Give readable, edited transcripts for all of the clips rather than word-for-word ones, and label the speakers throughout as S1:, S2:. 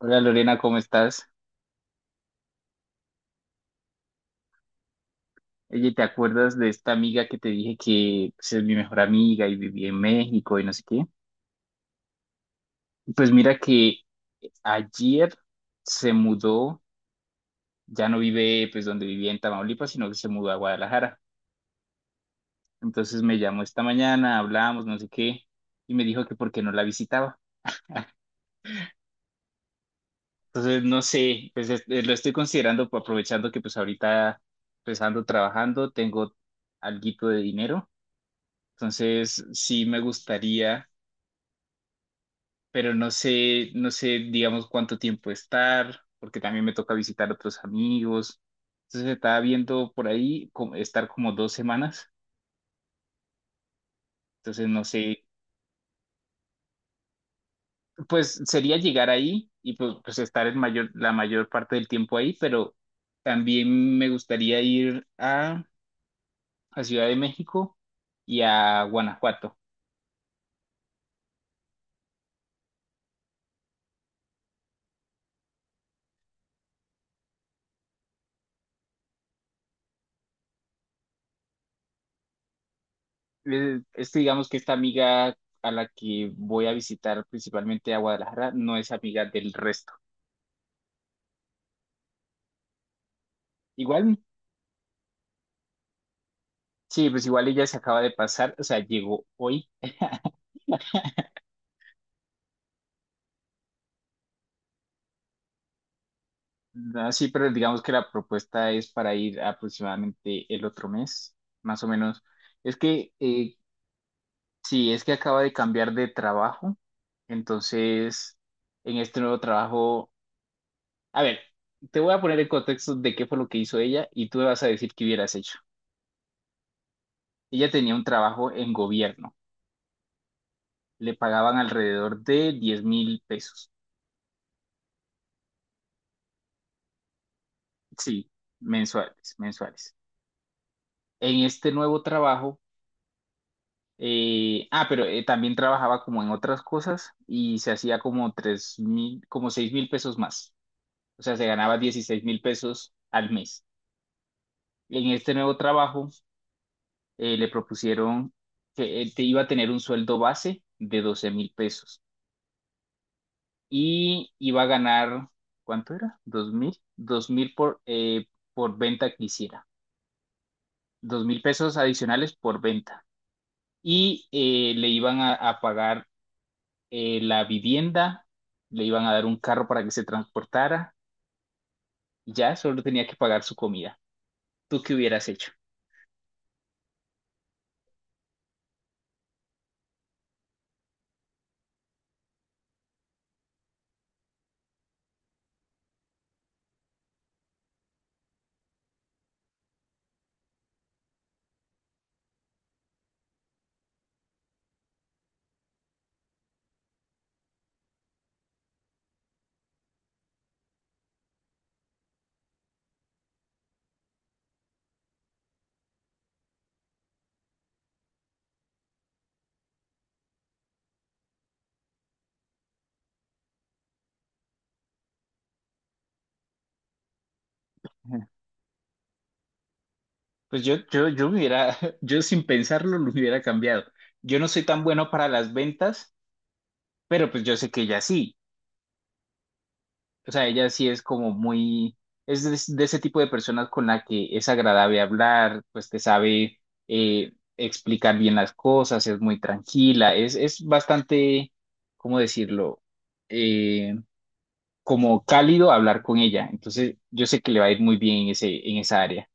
S1: Hola Lorena, ¿cómo estás? Oye, ¿te acuerdas de esta amiga que te dije que pues, es mi mejor amiga y vivía en México y no sé qué? Pues mira que ayer se mudó, ya no vive pues donde vivía en Tamaulipas, sino que se mudó a Guadalajara. Entonces me llamó esta mañana, hablamos, no sé qué, y me dijo que por qué no la visitaba. Entonces no sé, pues lo estoy considerando pues, aprovechando que pues ahorita pues ando trabajando, tengo alguito de dinero. Entonces sí me gustaría, pero no sé, no sé, digamos, cuánto tiempo estar, porque también me toca visitar otros amigos. Entonces estaba viendo por ahí como estar como 2 semanas. Entonces no sé, pues sería llegar ahí y pues, pues estar la mayor parte del tiempo ahí, pero también me gustaría ir a Ciudad de México y a Guanajuato. Que digamos que esta amiga a la que voy a visitar principalmente a Guadalajara no es amiga del resto. Igual Sí, pues igual ella se acaba de pasar, o sea, llegó hoy. No, sí, pero digamos que la propuesta es para ir aproximadamente el otro mes, más o menos. Es que, eh, sí, es que acaba de cambiar de trabajo, entonces, en este nuevo trabajo, a ver, te voy a poner en contexto de qué fue lo que hizo ella y tú me vas a decir qué hubieras hecho. Ella tenía un trabajo en gobierno, le pagaban alrededor de 10,000 pesos, sí, mensuales, mensuales. En este nuevo trabajo. Ah, pero también trabajaba como en otras cosas y se hacía como 3,000, como 6,000 pesos más. O sea, se ganaba 16,000 pesos al mes. En este nuevo trabajo le propusieron que te iba a tener un sueldo base de 12,000 pesos y iba a ganar, ¿cuánto era? ¿2,000? 2,000 por venta que hiciera. 2,000 pesos adicionales por venta. Y le iban a pagar la vivienda, le iban a dar un carro para que se transportara y ya solo tenía que pagar su comida. ¿Tú qué hubieras hecho? Ajá. Pues yo me hubiera, yo sin pensarlo lo hubiera cambiado. Yo no soy tan bueno para las ventas, pero pues yo sé que ella sí. O sea, ella sí es como muy, es de, ese tipo de personas con la que es agradable hablar, pues te sabe explicar bien las cosas, es muy tranquila, es bastante, ¿cómo decirlo? Eh, Como cálido hablar con ella. Entonces, yo sé que le va a ir muy bien en ese, en esa área.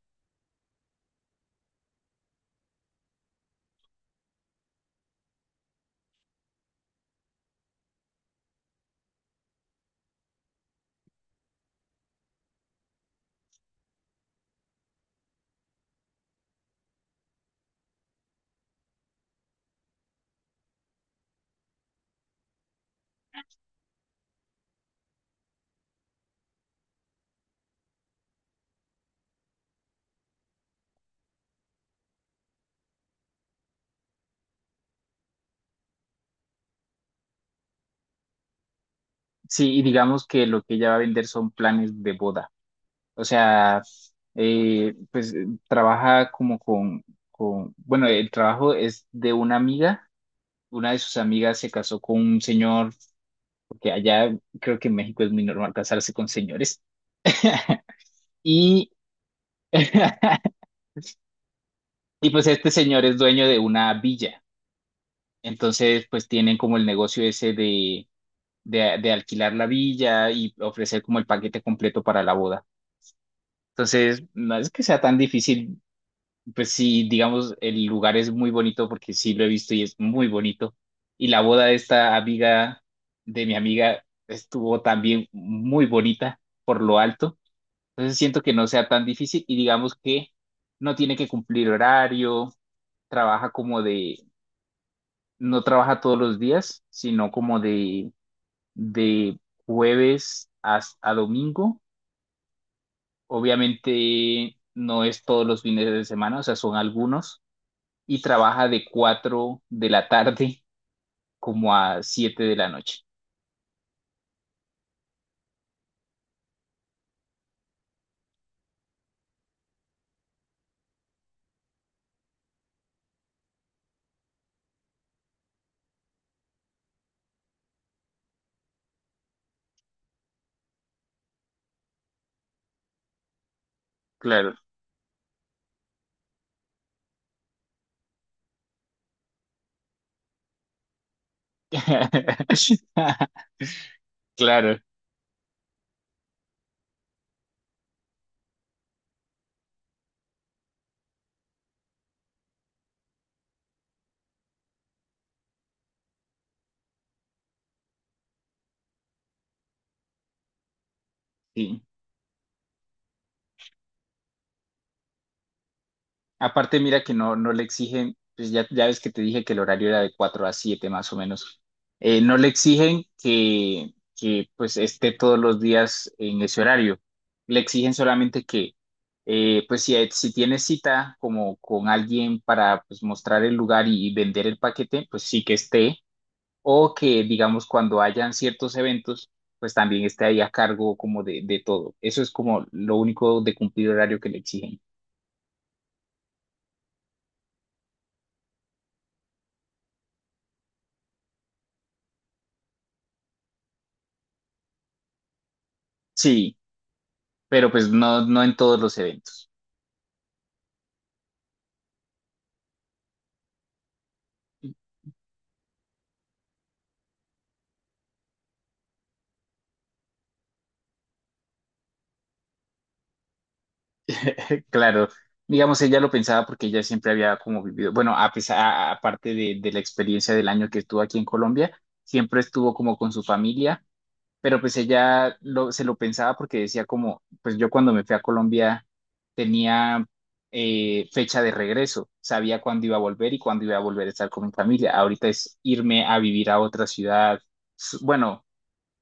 S1: Sí, y digamos que lo que ella va a vender son planes de boda. O sea, pues trabaja como con, bueno, el trabajo es de una amiga. Una de sus amigas se casó con un señor, porque allá creo que en México es muy normal casarse con señores. Y, y pues este señor es dueño de una villa. Entonces, pues tienen como el negocio ese de alquilar la villa y ofrecer como el paquete completo para la boda. Entonces, no es que sea tan difícil, pues sí, digamos, el lugar es muy bonito porque sí lo he visto y es muy bonito. Y la boda de esta amiga, de mi amiga, estuvo también muy bonita por lo alto. Entonces siento que no sea tan difícil y digamos que no tiene que cumplir horario, trabaja como de, no trabaja todos los días, sino como de jueves hasta domingo. Obviamente no es todos los fines de semana, o sea, son algunos. Y trabaja de 4 de la tarde como a 7 de la noche. Claro. Claro, sí. Aparte, mira que no, no le exigen, pues ya, ya ves que te dije que el horario era de 4 a 7 más o menos. No le exigen que pues esté todos los días en ese horario. Le exigen solamente que, pues si tienes cita como con alguien para pues, mostrar el lugar y vender el paquete, pues sí que esté. O que, digamos, cuando hayan ciertos eventos, pues también esté ahí a cargo como de todo. Eso es como lo único de cumplir horario que le exigen. Sí, pero pues no, no en todos los eventos. Claro, digamos, ella lo pensaba porque ella siempre había como vivido, bueno, aparte de, la experiencia del año que estuvo aquí en Colombia, siempre estuvo como con su familia, pero pues ella lo, se lo pensaba porque decía como, pues yo cuando me fui a Colombia tenía fecha de regreso, sabía cuándo iba a volver y cuándo iba a volver a estar con mi familia. Ahorita es irme a vivir a otra ciudad, bueno.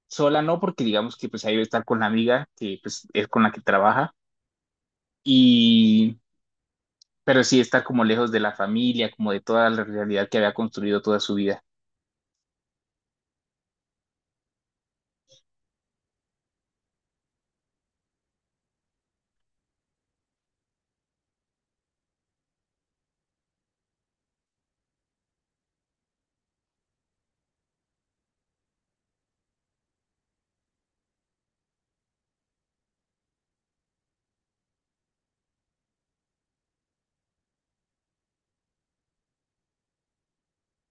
S1: Sola no, porque digamos que pues ahí va a estar con la amiga que pues es con la que trabaja y pero sí está como lejos de la familia, como de toda la realidad que había construido toda su vida.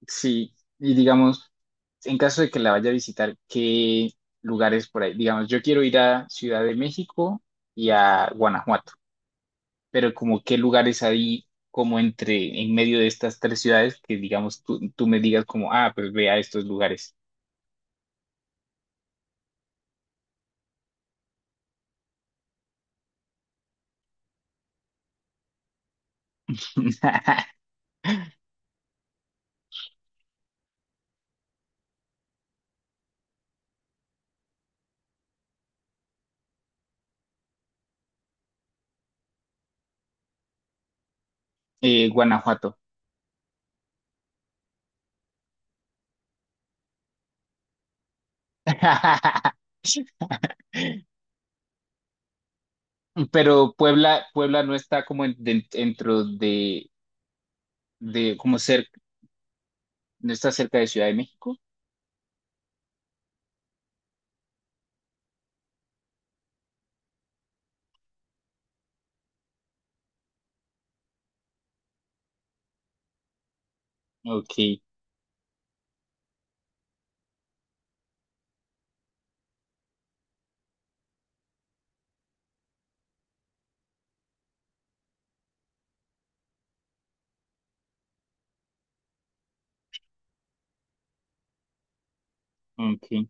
S1: Sí, y digamos, en caso de que la vaya a visitar, ¿qué lugares por ahí? Digamos, yo quiero ir a Ciudad de México y a Guanajuato, pero como qué lugares hay como entre, en medio de estas tres ciudades que digamos tú, tú me digas como, ah, pues ve a estos lugares. Guanajuato. Pero Puebla, Puebla no está como dentro de, como cerca, no está cerca de Ciudad de México. Ok, ok.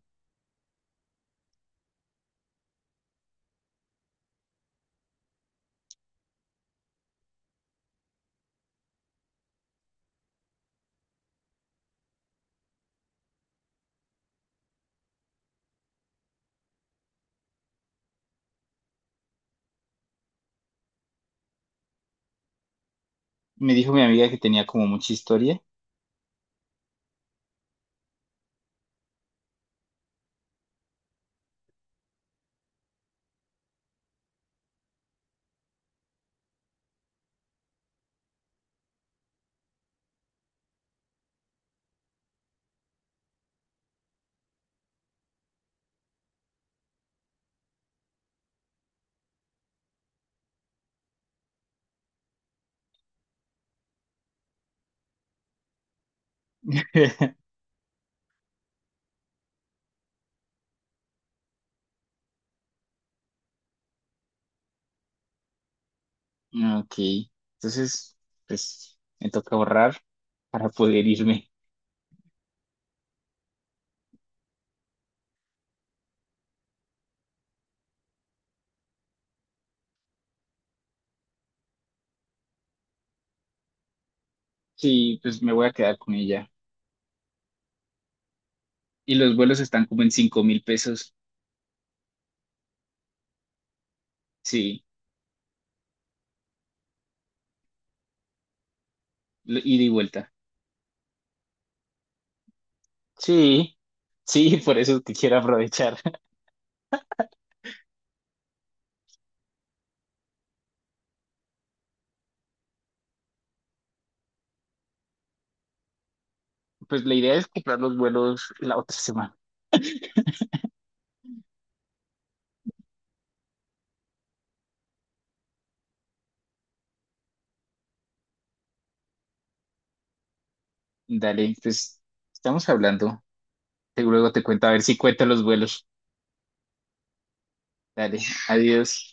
S1: Me dijo mi amiga que tenía como mucha historia. Ok, entonces, pues me toca ahorrar para poder irme. Sí, pues me voy a quedar con ella. Y los vuelos están como en 5,000 pesos. Sí, ida y vuelta. Sí, sí, por eso es que quiero aprovechar. Pues la idea es comprar los vuelos la otra semana. Dale, pues estamos hablando. Luego te cuento a ver si cuento los vuelos. Dale, adiós.